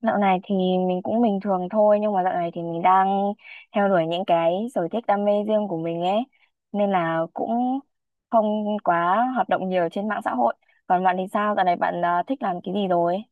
Dạo này thì mình cũng bình thường thôi, nhưng mà dạo này thì mình đang theo đuổi những cái sở thích đam mê riêng của mình ấy, nên là cũng không quá hoạt động nhiều trên mạng xã hội. Còn bạn thì sao? Dạo này bạn thích làm cái gì rồi?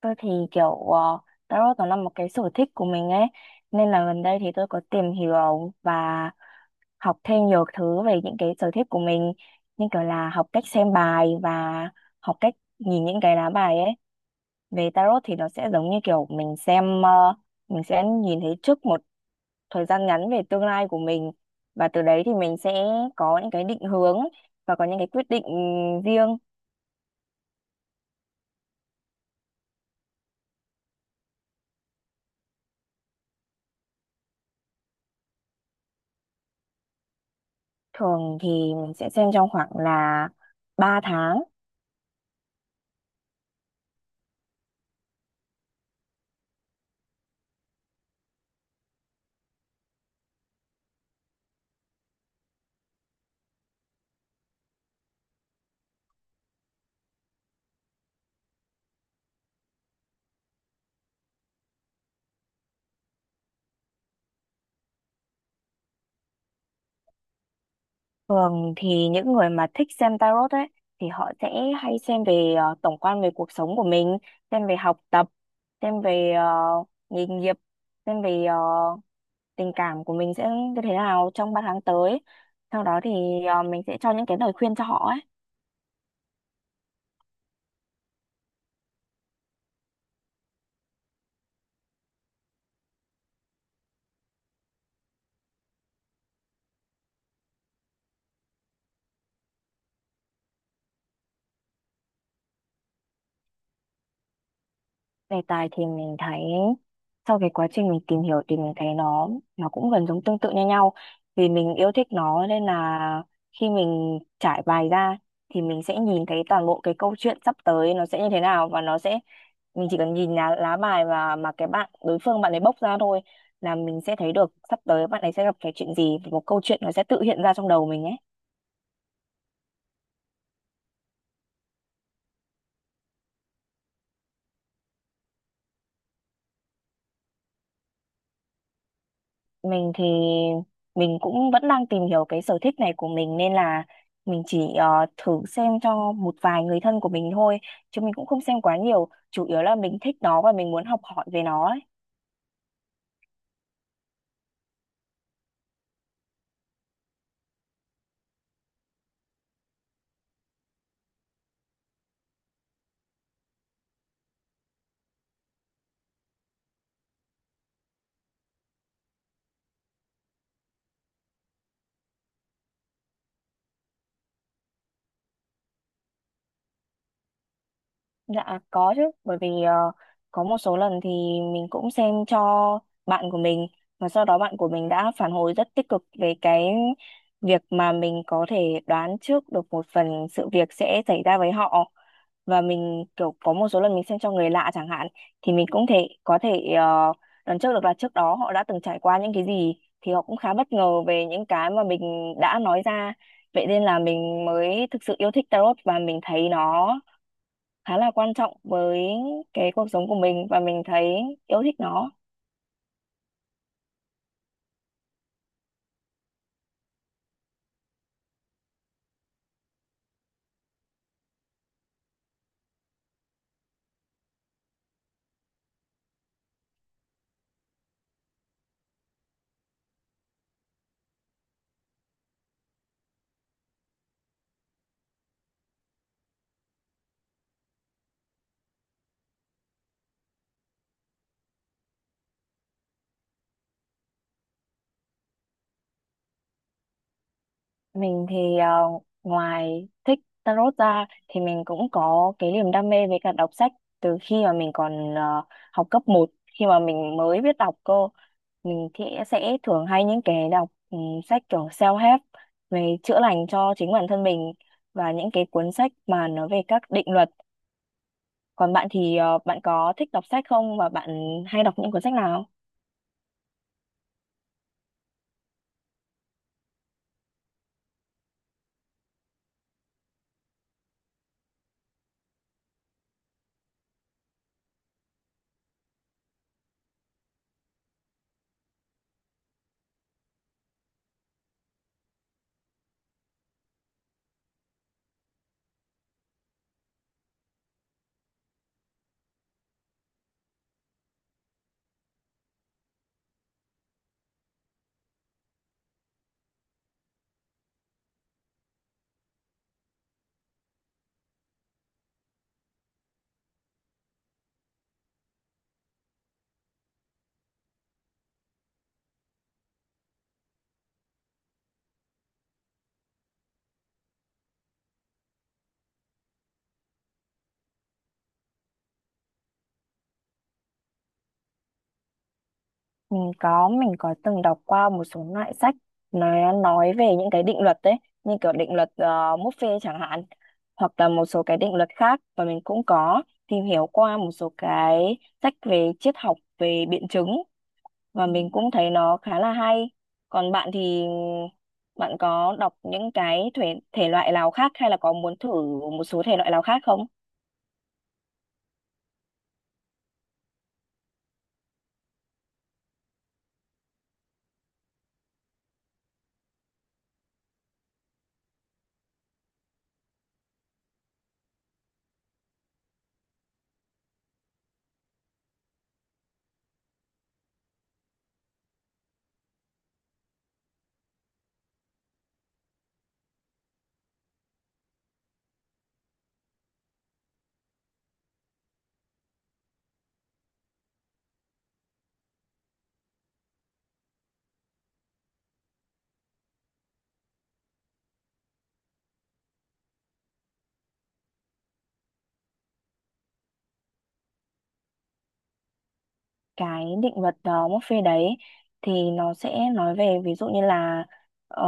Tôi thì kiểu tarot nó là một cái sở thích của mình ấy, nên là gần đây thì tôi có tìm hiểu và học thêm nhiều thứ về những cái sở thích của mình, như kiểu là học cách xem bài và học cách nhìn những cái lá bài ấy. Về tarot thì nó sẽ giống như kiểu mình xem mình sẽ nhìn thấy trước một thời gian ngắn về tương lai của mình, và từ đấy thì mình sẽ có những cái định hướng và có những cái quyết định riêng. Thường thì mình sẽ xem trong khoảng là 3 tháng. Thường thì những người mà thích xem tarot ấy thì họ sẽ hay xem về tổng quan về cuộc sống của mình, xem về học tập, xem về nghề nghiệp, xem về tình cảm của mình sẽ như thế nào trong 3 tháng tới. Sau đó thì mình sẽ cho những cái lời khuyên cho họ ấy. Đề tài thì mình thấy, sau cái quá trình mình tìm hiểu thì mình thấy nó cũng gần giống tương tự như nhau. Vì mình yêu thích nó nên là khi mình trải bài ra thì mình sẽ nhìn thấy toàn bộ cái câu chuyện sắp tới nó sẽ như thế nào, và nó sẽ, mình chỉ cần nhìn lá bài và mà cái bạn đối phương bạn ấy bốc ra thôi, là mình sẽ thấy được sắp tới bạn ấy sẽ gặp cái chuyện gì, và một câu chuyện nó sẽ tự hiện ra trong đầu mình ấy. Mình thì mình cũng vẫn đang tìm hiểu cái sở thích này của mình, nên là mình chỉ thử xem cho một vài người thân của mình thôi, chứ mình cũng không xem quá nhiều, chủ yếu là mình thích nó và mình muốn học hỏi về nó ấy. Dạ có chứ, bởi vì có một số lần thì mình cũng xem cho bạn của mình, và sau đó bạn của mình đã phản hồi rất tích cực về cái việc mà mình có thể đoán trước được một phần sự việc sẽ xảy ra với họ. Và mình kiểu có một số lần mình xem cho người lạ chẳng hạn, thì mình cũng thể có thể uh, đoán trước được là trước đó họ đã từng trải qua những cái gì, thì họ cũng khá bất ngờ về những cái mà mình đã nói ra. Vậy nên là mình mới thực sự yêu thích tarot, và mình thấy nó khá là quan trọng với cái cuộc sống của mình, và mình thấy yêu thích nó. Mình thì ngoài thích tarot ra thì mình cũng có cái niềm đam mê với cả đọc sách. Từ khi mà mình còn học cấp 1, khi mà mình mới biết đọc cô, mình thì sẽ thường hay những cái đọc sách kiểu self-help về chữa lành cho chính bản thân mình, và những cái cuốn sách mà nó về các định luật. Còn bạn thì bạn có thích đọc sách không và bạn hay đọc những cuốn sách nào? Mình có từng đọc qua một số loại sách nó nói về những cái định luật đấy, như kiểu định luật Murphy chẳng hạn, hoặc là một số cái định luật khác, và mình cũng có tìm hiểu qua một số cái sách về triết học, về biện chứng, và mình cũng thấy nó khá là hay. Còn bạn thì bạn có đọc những cái thể loại nào khác, hay là có muốn thử một số thể loại nào khác không? Cái định luật Murphy đấy thì nó sẽ nói về ví dụ như là ờ,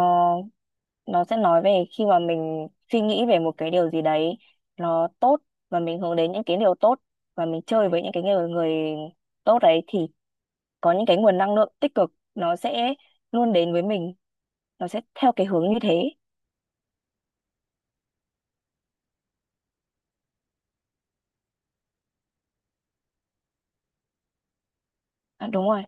nó sẽ nói về khi mà mình suy nghĩ về một cái điều gì đấy nó tốt, và mình hướng đến những cái điều tốt, và mình chơi với những cái người người tốt đấy, thì có những cái nguồn năng lượng tích cực nó sẽ luôn đến với mình, nó sẽ theo cái hướng như thế. À, đúng rồi.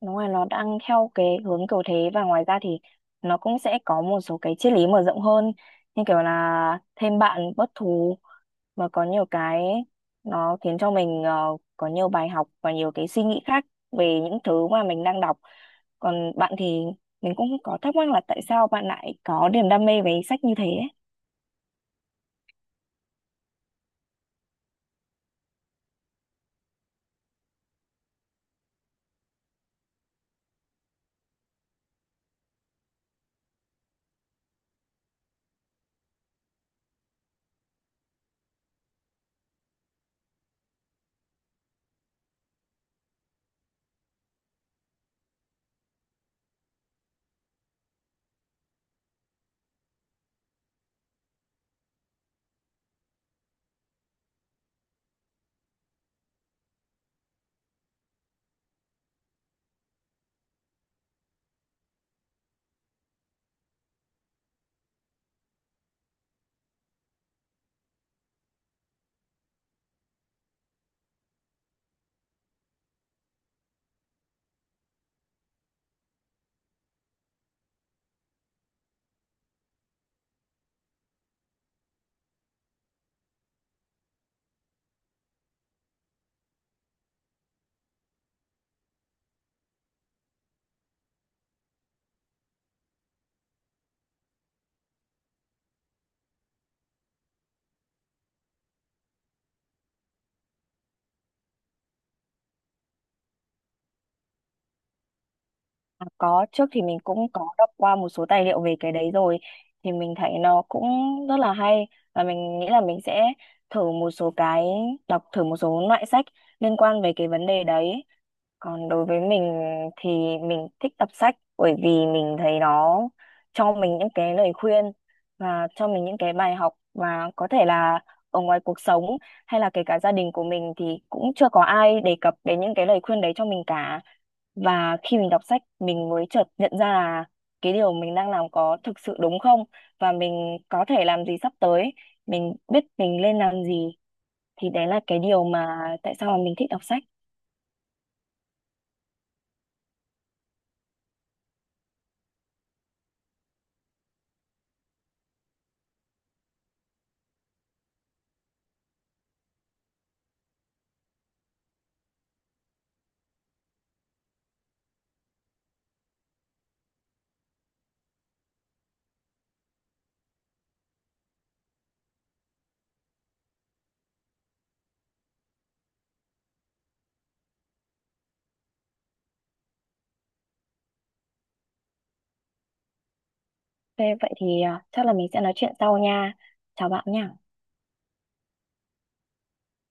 Đúng rồi, nó đang theo cái hướng kiểu thế, và ngoài ra thì nó cũng sẽ có một số cái triết lý mở rộng hơn, như kiểu là thêm bạn bớt thù, mà có nhiều cái nó khiến cho mình có nhiều bài học và nhiều cái suy nghĩ khác về những thứ mà mình đang đọc. Còn bạn thì mình cũng có thắc mắc là tại sao bạn lại có niềm đam mê với sách như thế ấy. À, có, trước thì mình cũng có đọc qua một số tài liệu về cái đấy rồi, thì mình thấy nó cũng rất là hay, và mình nghĩ là mình sẽ thử một số cái, đọc thử một số loại sách liên quan về cái vấn đề đấy. Còn đối với mình thì mình thích đọc sách bởi vì mình thấy nó cho mình những cái lời khuyên, và cho mình những cái bài học, và có thể là ở ngoài cuộc sống hay là kể cả gia đình của mình thì cũng chưa có ai đề cập đến những cái lời khuyên đấy cho mình cả. Và khi mình đọc sách mình mới chợt nhận ra là cái điều mình đang làm có thực sự đúng không, và mình có thể làm gì sắp tới, mình biết mình nên làm gì, thì đấy là cái điều mà tại sao mà mình thích đọc sách. Ok, vậy thì chắc là mình sẽ nói chuyện sau nha. Chào bạn nha.